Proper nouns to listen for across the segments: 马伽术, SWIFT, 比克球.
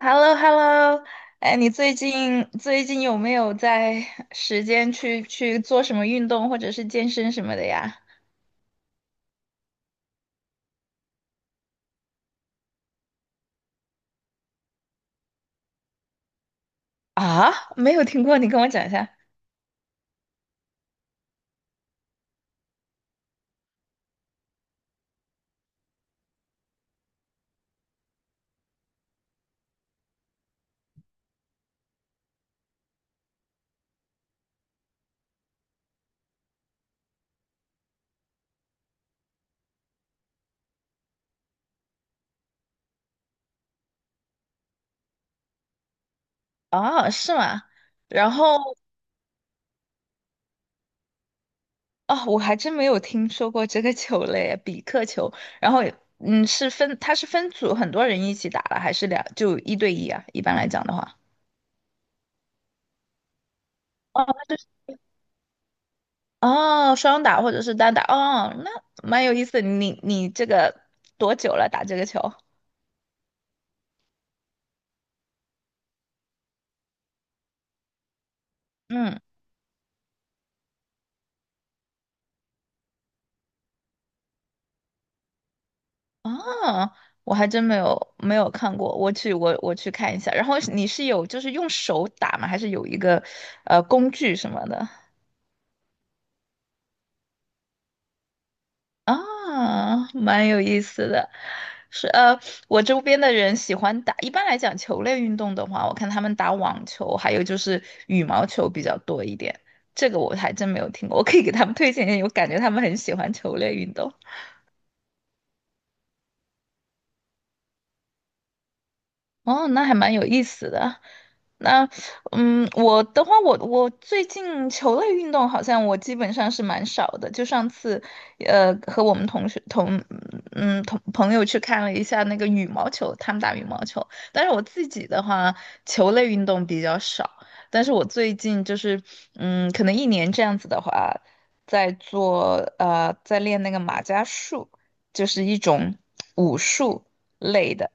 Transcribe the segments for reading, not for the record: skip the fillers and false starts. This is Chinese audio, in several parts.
h e l l o h e l l o 哎，你最近有没有在时间去做什么运动或者是健身什么的呀？啊，没有听过，你跟我讲一下。哦，是吗？然后哦，我还真没有听说过这个球类，比克球。然后它是分组，很多人一起打了，还是两，就一对一啊？一般来讲的话。哦，那就是哦，双打或者是单打，哦，那蛮有意思。你这个多久了打这个球？嗯。啊，我还真没有看过，我去看一下。然后你是有就是用手打吗？还是有一个工具什么的？啊，蛮有意思的。是。我周边的人喜欢打，一般来讲球类运动的话，我看他们打网球，还有就是羽毛球比较多一点。这个我还真没有听过，我可以给他们推荐一下，我感觉他们很喜欢球类运动。哦，那还蛮有意思的。那，我的话，我最近球类运动好像我基本上是蛮少的。就上次，和我们同学同朋友去看了一下那个羽毛球，他们打羽毛球。但是我自己的话，球类运动比较少。但是我最近就是，可能一年这样子的话，在做，在练那个马伽术，就是一种武术类的。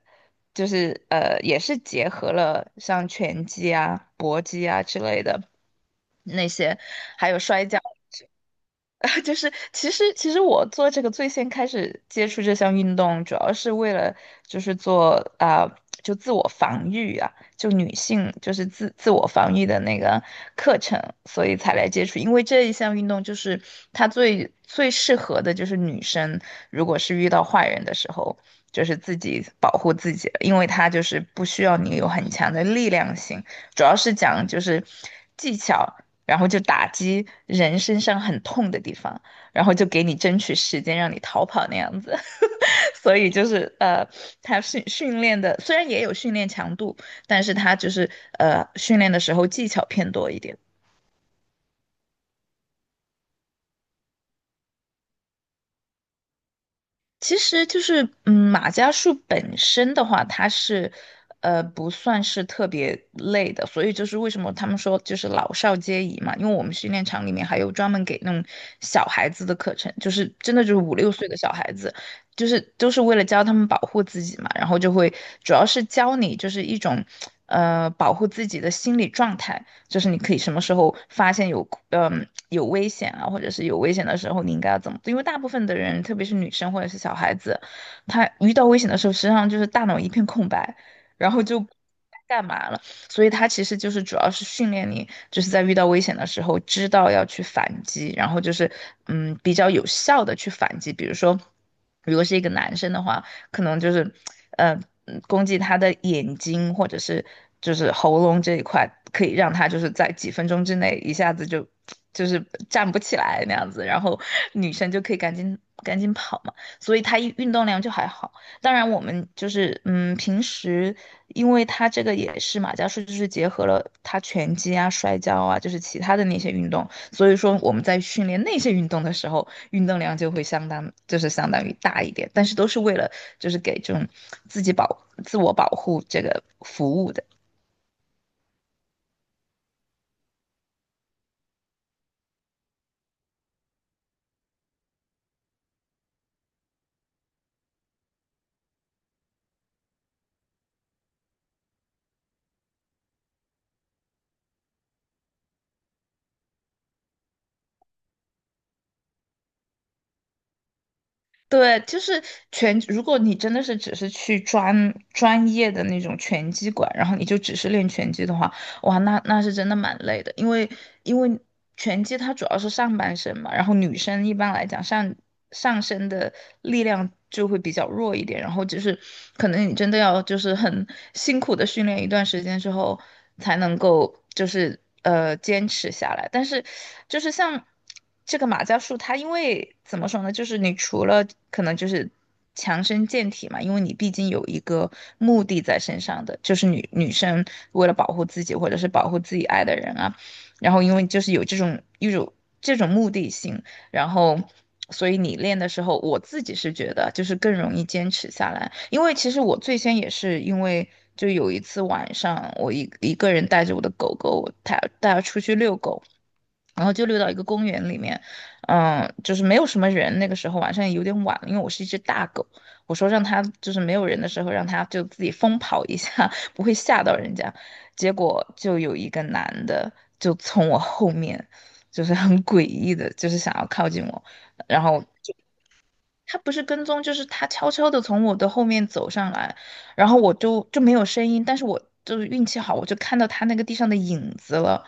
就是也是结合了像拳击啊、搏击啊之类的那些，还有摔跤。啊，就是其实我做这个最先开始接触这项运动，主要是为了就是做啊、就自我防御啊，就女性就是自我防御的那个课程，所以才来接触。因为这一项运动就是它最最适合的就是女生，如果是遇到坏人的时候，就是自己保护自己了，因为它就是不需要你有很强的力量性，主要是讲就是技巧。然后就打击人身上很痛的地方，然后就给你争取时间让你逃跑那样子。所以就是他训练的虽然也有训练强度，但是他就是训练的时候技巧偏多一点。其实就是，马伽术本身的话，它是，不算是特别累的，所以就是为什么他们说就是老少皆宜嘛，因为我们训练场里面还有专门给那种小孩子的课程，就是真的就是五六岁的小孩子，就是都是为了教他们保护自己嘛，然后就会主要是教你就是一种，保护自己的心理状态。就是你可以什么时候发现有危险啊，或者是有危险的时候，你应该要怎么做？因为大部分的人，特别是女生或者是小孩子，她遇到危险的时候，实际上就是大脑一片空白，然后就。干嘛了？所以它其实就是主要是训练你，就是在遇到危险的时候，知道要去反击，然后就是比较有效的去反击。比如说，如果是一个男生的话，可能就是，呃，攻击他的眼睛或者是就是喉咙这一块，可以让他就是在几分钟之内一下子就是站不起来那样子，然后女生就可以赶紧赶紧跑嘛，所以他一运动量就还好。当然，我们就是平时因为它这个也是马伽术，就是结合了他拳击啊、摔跤啊，就是其他的那些运动，所以说我们在训练那些运动的时候，运动量就会相当，就是相当于大一点，但是都是为了就是给这种自我保护这个服务的。对，就是拳。如果你真的是只是去专业的那种拳击馆，然后你就只是练拳击的话，哇，那是真的蛮累的，因为拳击它主要是上半身嘛，然后女生一般来讲上身的力量就会比较弱一点，然后就是可能你真的要就是很辛苦的训练一段时间之后，才能够就是坚持下来。但是就是像这个马伽术它因为怎么说呢，就是你除了可能就是强身健体嘛，因为你毕竟有一个目的在身上的，就是女生为了保护自己或者是保护自己爱的人啊，然后因为就是有这种目的性，然后所以你练的时候，我自己是觉得就是更容易坚持下来，因为其实我最先也是因为。就有一次晚上，我一个人带着我的狗狗，我带它出去遛狗，然后就溜到一个公园里面，就是没有什么人。那个时候晚上也有点晚了，因为我是一只大狗，我说让它就是没有人的时候，让它就自己疯跑一下，不会吓到人家。结果就有一个男的就从我后面，就是很诡异的，就是想要靠近我，然后他不是跟踪，就是他悄悄的从我的后面走上来，然后我就没有声音，但是我就是运气好，我就看到他那个地上的影子了，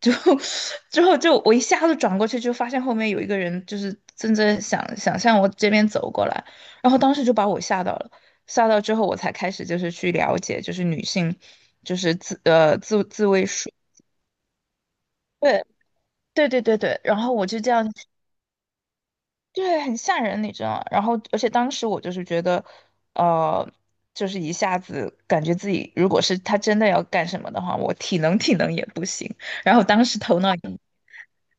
就 之后就我一下子转过去，就发现后面有一个人，就是正在向我这边走过来，然后当时就把我吓到了，吓到之后我才开始就是去了解，就是女性就是自卫术。对对对对对，然后我就这样对，很吓人，你知道吗？然后，而且当时我就是觉得，呃，就是一下子感觉自己，如果是他真的要干什么的话，我体能也不行。然后当时头脑也，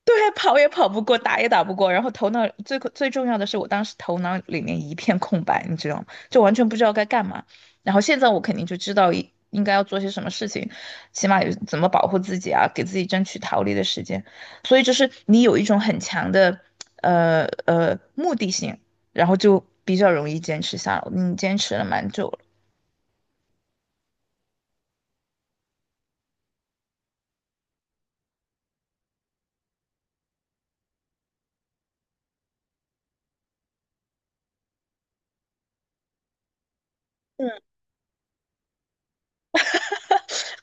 对，跑也跑不过，打也打不过，然后头脑最最重要的是，我当时头脑里面一片空白，你知道吗？就完全不知道该干嘛。然后现在我肯定就知道应该要做些什么事情，起码有怎么保护自己啊，给自己争取逃离的时间。所以就是你有一种很强的目的性，然后就比较容易坚持下来。你坚持了蛮久了。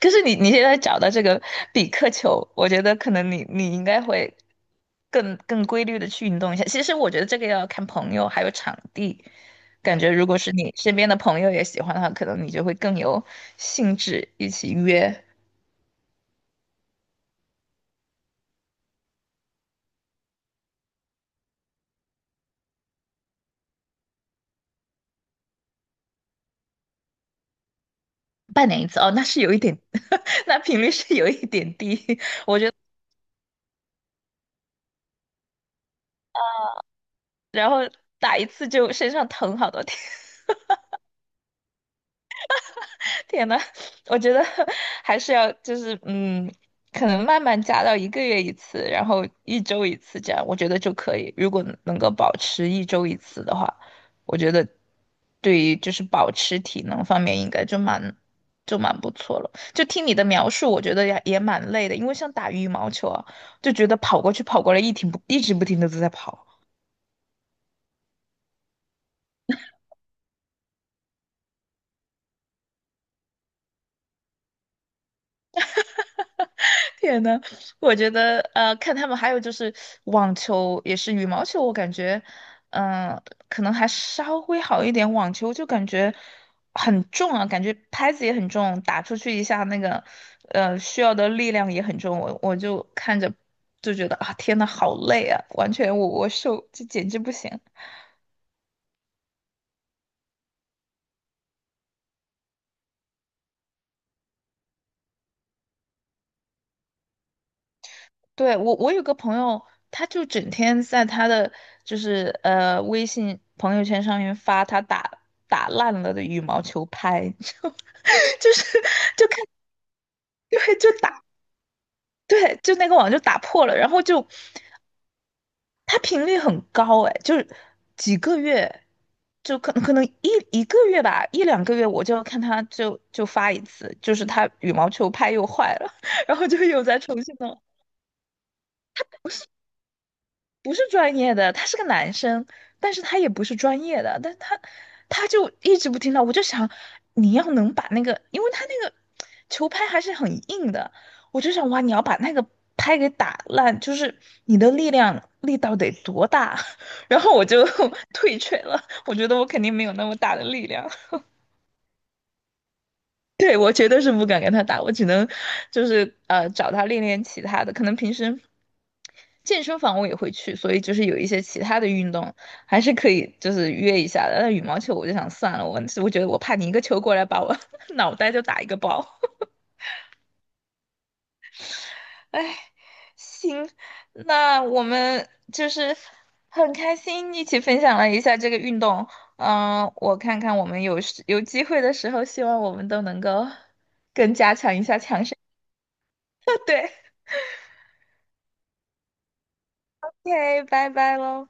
可是你现在找到这个比克球，我觉得可能你应该会更规律的去运动一下。其实我觉得这个要看朋友还有场地，感觉如果是你身边的朋友也喜欢的话，可能你就会更有兴致一起约。半年一次哦，那是有一点，那频率是有一点低，然后打一次就身上疼好多天。天呐，我觉得 还是要就是可能慢慢加到一个月一次，然后一周一次这样，我觉得就可以。如果能够保持一周一次的话，我觉得对于就是保持体能方面应该就蛮不错了。就听你的描述，我觉得也蛮累的，因为像打羽毛球啊，就觉得跑过去跑过来，一直不停的都在跑。天呐，我觉得看他们还有就是网球，也是羽毛球，我感觉，嗯、可能还稍微好一点。网球就感觉很重啊，感觉拍子也很重，打出去一下那个，需要的力量也很重。我就看着就觉得啊，天呐，好累啊，完全我受，这简直不行。对，我有个朋友，他就整天在他的就是微信朋友圈上面发他打烂了的羽毛球拍，就是就看，对，就打，对，就那个网就打破了，然后就他频率很高哎，就是几个月就可能一个月吧，一两个月我就要看他就发一次，就是他羽毛球拍又坏了，然后就又在重新弄。不是专业的，他是个男生，但是他也不是专业的，但他就一直不听到，我就想你要能把那个，因为他那个球拍还是很硬的，我就想哇，你要把那个拍给打烂，就是你的力道得多大，然后我就 退却了，我觉得我肯定没有那么大的力量。对，我绝对是不敢跟他打，我只能就是找他练练其他的，可能平时健身房我也会去，所以就是有一些其他的运动还是可以就是约一下的。但羽毛球我就想算了，我觉得我怕你一个球过来把我 脑袋就打一个包。哎，行，那我们就是很开心一起分享了一下这个运动。我看看我们有时有机会的时候，希望我们都能够更加强一下强身。OK，拜拜喽。